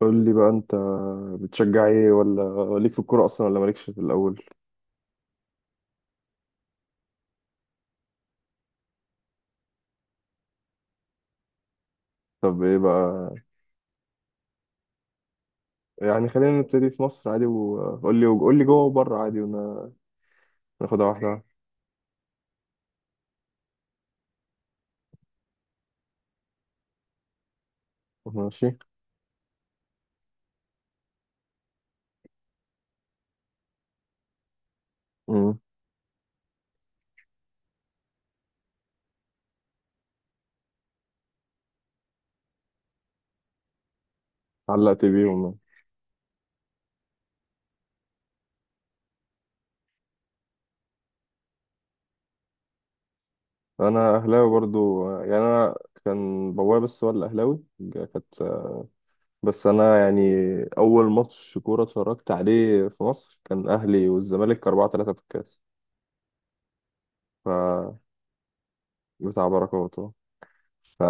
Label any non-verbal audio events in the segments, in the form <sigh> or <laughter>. قول لي بقى انت، بتشجع ايه ولا ليك في الكوره اصلا ولا مالكش في الاول؟ طب ايه بقى؟ يعني خلينا نبتدي في مصر عادي وقول لي، قول لي جوه وبره عادي وناخدها واحده واحدة. ماشي. امم. علقت بيهم يعني. انا اهلاوي برضو، يعني انا كان بابايا بس هو اللي اهلاوي. كانت بس انا يعني اول ماتش كوره اتفرجت عليه في مصر كان اهلي والزمالك 4-3 في الكاس. ف بتاع بركات. ف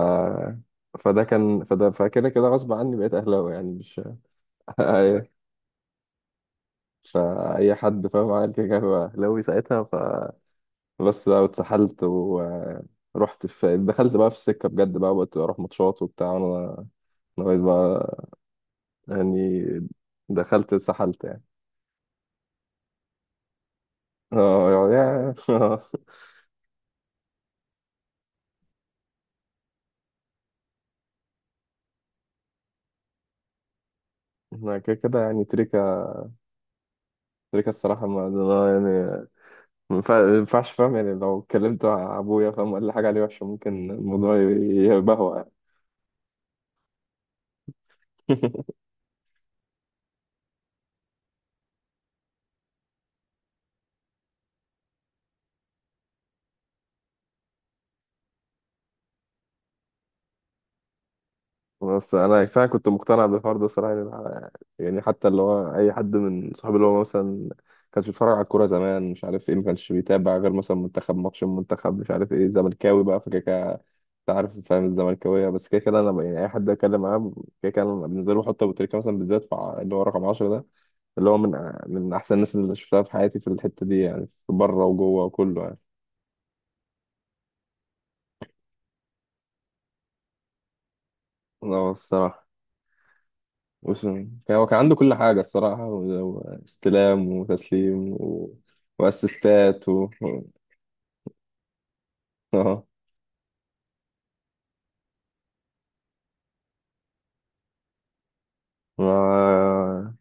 فده كان فده فكده كده غصب عني بقيت اهلاوي، يعني مش... <laughs> أي- فاي حد فاهم عمل كده كان هو اهلاوي ساعتها فبس. بقى واتسحلت ورحت، دخلت بقى في السكه بجد، بقى بقيت اروح ماتشات وبتاع، وانا لغايه بقى، يعني دخلت اتسحلت يعني. اه يعني، <laughs> أنا كده كده يعني تريكا تريكا الصراحة، ما أنا يعني ما ينفعش، فاهم؟ يعني لو اتكلمت مع أبويا فاهم ولا حاجة عليه وحشة ممكن الموضوع يبهوأ يعني. <laughs> بس انا فعلا كنت مقتنع بالحوار ده صراحه. يعني يعني حتى اللي هو اي حد من صحابي اللي هو مثلا ما كانش بيتفرج على الكوره زمان مش عارف ايه، ما كانش بيتابع غير مثلا منتخب، ماتش المنتخب مش عارف ايه، زملكاوي بقى فكده كده. انت عارف فاهم الزملكاويه. بس كده كده انا بقى، يعني اي حد اتكلم معاه كده كده، أنا بالنسبه لي بحط ابو تريكه مثلا، بالذات في اللي هو رقم 10 ده، اللي هو من احسن الناس اللي شفتها في حياتي في الحته دي، يعني في بره وجوه وكله يعني. اه الصراحه. بص هو كان عنده كل حاجة الصراحة، واستلام وتسليم و... واسيستات و... <laughs> اه. ما-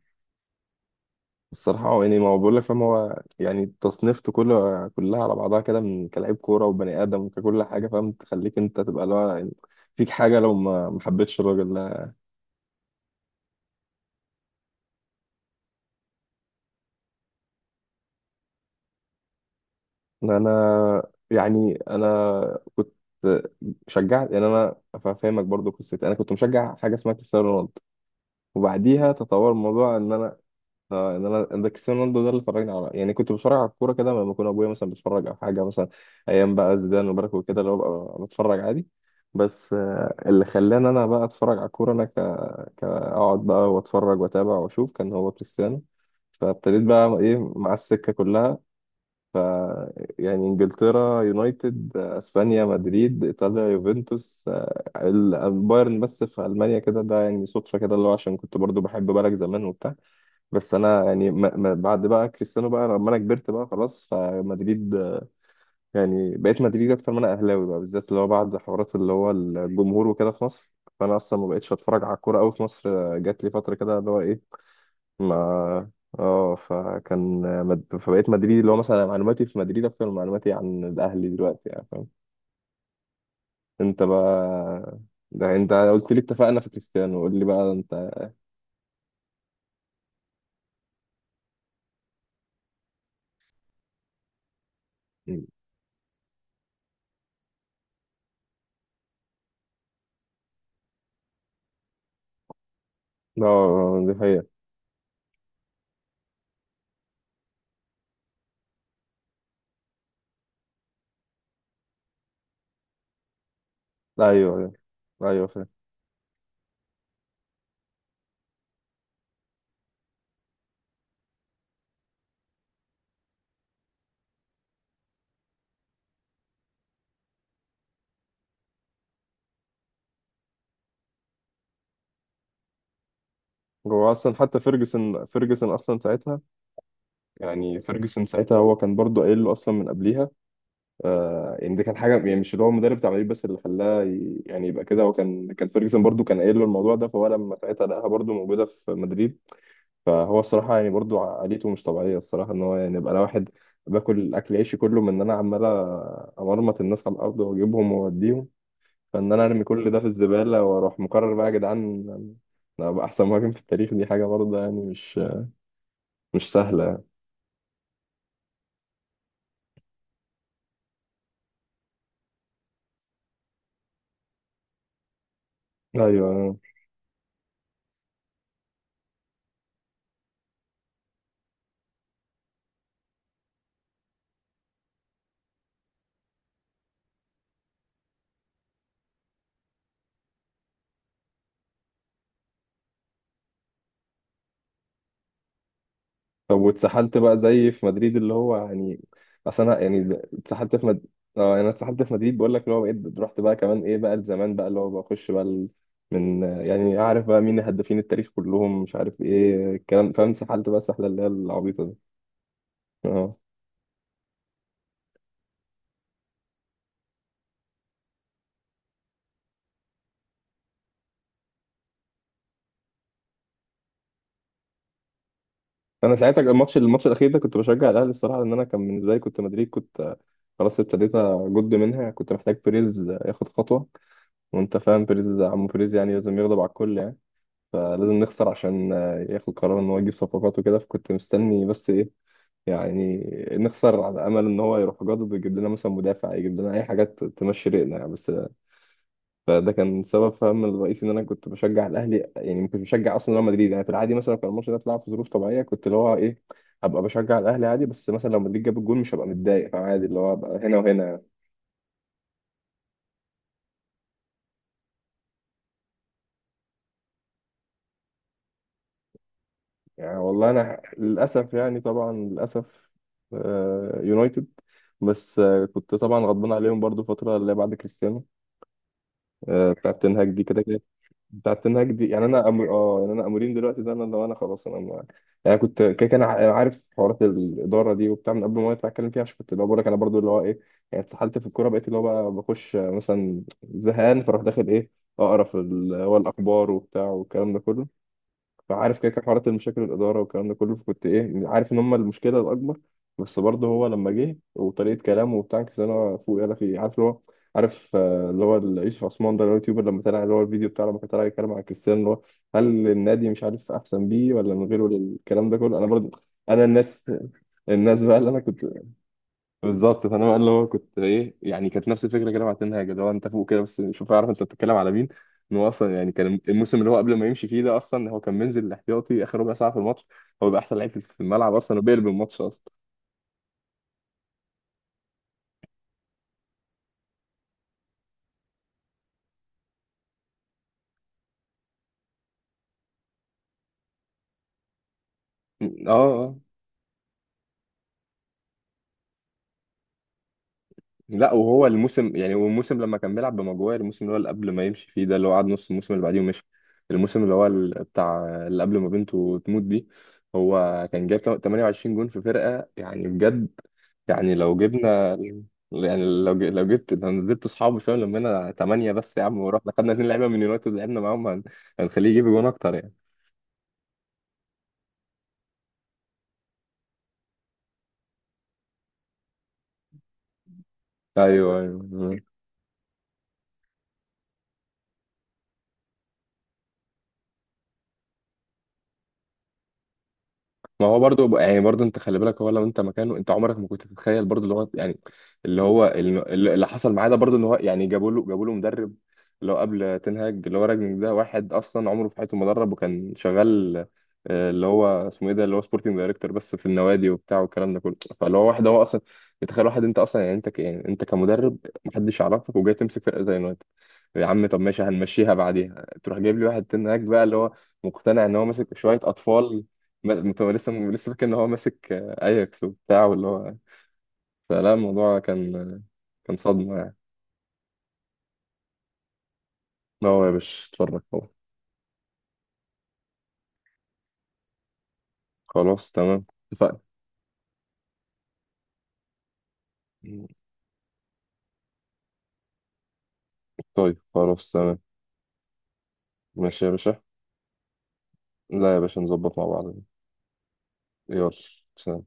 الصراحة هو يعني، ما هو بقول لك فاهم، هو يعني تصنيفته كله كلها على بعضها كده من كلاعب كورة وبني آدم وككل حاجة، فاهم، تخليك أنت تبقى اللي هو يعني فيك حاجة لو ما حبيتش الراجل ده. إن أنا يعني أنا كنت شجعت، يعني أنا فاهمك برضو. قصتي أنا كنت مشجع حاجة اسمها كريستيانو رونالدو، وبعديها تطور الموضوع ان انا، اه، ان انا ده كريستيانو رونالدو ده اللي اتفرجنا على، يعني كنت بتفرج على الكوره كده لما يكون ابويا مثلا بيتفرج او حاجه مثلا ايام بقى زيدان وبركه وكده، اللي هو ببقى بتفرج عادي، بس اللي خلاني انا بقى اتفرج على الكوره انا كاقعد بقى واتفرج واتابع واشوف كان هو كريستيانو. فابتديت بقى ايه مع السكه كلها. ف، يعني انجلترا يونايتد، اسبانيا مدريد، ايطاليا يوفنتوس، البايرن بس في المانيا كده، ده يعني صدفه كده اللي هو عشان كنت برضو بحب بالك زمان وبتاع. بس انا يعني ما بعد بقى كريستيانو بقى لما انا كبرت بقى خلاص فمدريد، يعني بقيت مدريد اكتر ما انا اهلاوي بقى، بالذات اللي هو بعد حوارات اللي هو الجمهور وكده في مصر. فانا اصلا ما بقتش اتفرج على الكوره قوي في مصر. جات لي فتره كده اللي هو ايه، ما، اه، فكان فبقيت مدريدي، اللي هو مثلا معلوماتي في مدريد اكتر من معلوماتي عن الاهلي دلوقتي يعني، فاهم انت بقى؟ ده انت قلت لي اتفقنا في كريستيانو، قول لي بقى انت. اه دي حقيقة. ايوه ايوه ايوه. هو اصلا حتى فيرجسون اصلا ساعتها، يعني فيرجسون ساعتها هو كان برضه قايل له اصلا من قبليها، آه يعني دي كان حاجه يعني مش اللي هو المدرب بتاع العيب، بس اللي خلاه يعني يبقى كده، هو كان فيرجسون برضه كان قايل له الموضوع ده، فهو لما ساعتها لقاها برضه موجوده في مدريد، فهو الصراحه يعني برضه عقليته مش طبيعيه الصراحه، ان هو يعني يبقى انا واحد باكل اكل عيشي كله من ان انا عمال امرمط الناس على الارض واجيبهم واوديهم، فان انا ارمي كل ده في الزباله واروح مقرر بقى يا جدعان أنا ابقى احسن مهاجم في التاريخ، دي حاجه برضه يعني مش سهلة. أيوة. طب واتسحلت بقى زي في مدريد اللي هو يعني؟ أصل أنا يعني اتسحلت في اه يعني أنا اتسحلت في مدريد، بقول لك اللي هو بقيت رحت بقى كمان إيه بقى لزمان، بقى اللي هو بخش بقى ال... من، يعني عارف بقى مين هدافين التاريخ كلهم مش عارف إيه الكلام، فاهم اتسحلت بقى السحلة اللي هي العبيطة دي. اه. أنا ساعتها الماتش الأخير ده كنت بشجع الأهلي الصراحة، لأن أنا كان بالنسبة لي كنت مدريد كنت خلاص ابتديت أجد منها، كنت محتاج بيريز ياخد خطوة. وأنت فاهم بيريز، عم بيريز يعني لازم يغضب على الكل يعني، فلازم نخسر عشان ياخد قرار ان هو يجيب صفقات وكده، فكنت مستني بس ايه، يعني نخسر على امل ان هو يروح جاضد ويجيب لنا مثلا مدافع، يجيب لنا اي حاجات تمشي ريقنا يعني، بس فده كان سبب فهم الرئيسي ان انا كنت بشجع الاهلي، يعني ما كنتش بشجع اصلا ريال مدريد، يعني في العادي مثلا كان الماتش ده اتلعب في ظروف طبيعيه، كنت اللي هو ايه ابقى بشجع الاهلي عادي، بس مثلا لو مدريد جاب الجول مش هبقى متضايق، فعادي اللي هو ابقى هنا وهنا. يعني والله انا للاسف، يعني طبعا للاسف، يونايتد. بس كنت طبعا غضبان عليهم برضو فتره اللي هي بعد كريستيانو، بتاعه تنهاج دي كده كده. بتاعه تنهاج دي يعني انا اه يعني انا امورين دلوقتي ده، انا لو انا خلاص انا ما... يعني كنت كده كان عارف حوارات الاداره دي وبتاع من قبل ما يطلع اتكلم فيها، عشان كنت اللي هو بقول لك انا برضو اللي هو ايه، يعني اتسحلت في الكوره بقيت اللي هو بقى بخش مثلا زهقان فاروح داخل ايه، اقرا في ال... هو الاخبار وبتاع والكلام ده كله، فعارف كده كده حوارات المشاكل الاداره والكلام ده كله، فكنت ايه عارف ان هم المشكله الاكبر. بس برضه هو لما جه وطريقه كلامه وبتاع كده انا فوق، يلا في عارف اللي هو، عارف اللي هو يوسف عثمان ده اللي هو اليوتيوبر، لما طلع اللي هو الفيديو بتاعه لما كان طالع يتكلم عن كريستيانو اللي هو، هل النادي مش عارف احسن بيه ولا من غيره ولا الكلام ده كله، انا برضه. انا الناس الناس بقى اللي انا كنت، بالظبط. فانا بقى اللي هو كنت ايه، يعني كانت نفس الفكره كده مع تنهاج، اللي هو انت فوق كده بس شوف اعرف انت بتتكلم على مين، ان هو اصلا يعني كان الموسم اللي هو قبل ما يمشي فيه ده اصلا هو كان منزل الاحتياطي اخر ربع ساعه في الماتش، هو بيبقى احسن لعيب في الملعب اصلا وبيقلب الماتش اصلا. اه. آه. لا وهو الموسم يعني هو الموسم لما كان بيلعب بمجموعه الموسم اللي هو اللي قبل ما يمشي فيه ده اللي هو قعد نص الموسم اللي بعديه ومشي، الموسم اللي هو بتاع اللي قبل ما بنته تموت دي، هو كان جايب 28 جون في فرقه يعني بجد، يعني لو جبنا، يعني لو لو جبت لو نزلت اصحابه شويه لما ثمانيه بس يا عم، ورحنا خدنا اتنين لعيبه من يونايتد لعبنا معاهم، هنخليه يجيب جون اكتر يعني. ايوه ايوه. ما هو برضو يعني برضو انت خلي بالك، هو لو انت مكانه انت عمرك ما كنت تتخيل برضو اللي هو يعني اللي هو اللي حصل معاه ده برضو، ان هو يعني جابوا له مدرب اللي هو قبل تنهاج، اللي هو راجنك ده واحد اصلا عمره في حياته مدرب وكان شغال اللي هو اسمه ايه ده اللي هو سبورتنج دايركتور بس في النوادي وبتاع والكلام ده كله، فاللي هو واحد هو اصلا. تخيل واحد انت اصلا، يعني انت يعني انت كمدرب محدش يعرفك وجاي تمسك فرقه زي اليونايتد، يا عم. طب ماشي هنمشيها بعديها تروح جايب لي واحد تنهاج بقى، اللي هو مقتنع ان هو ماسك شويه اطفال. لسه لسه فاكر ان هو ماسك اياكس وبتاع واللي هو. فلا الموضوع كان صدمة يعني. لا هو يا باشا، اتفرج طبعا. خلاص تمام اتفقنا. طيب خلاص تمام. ماشي يا باشا. لا يا باشا نظبط مع بعض. يلا. سلام.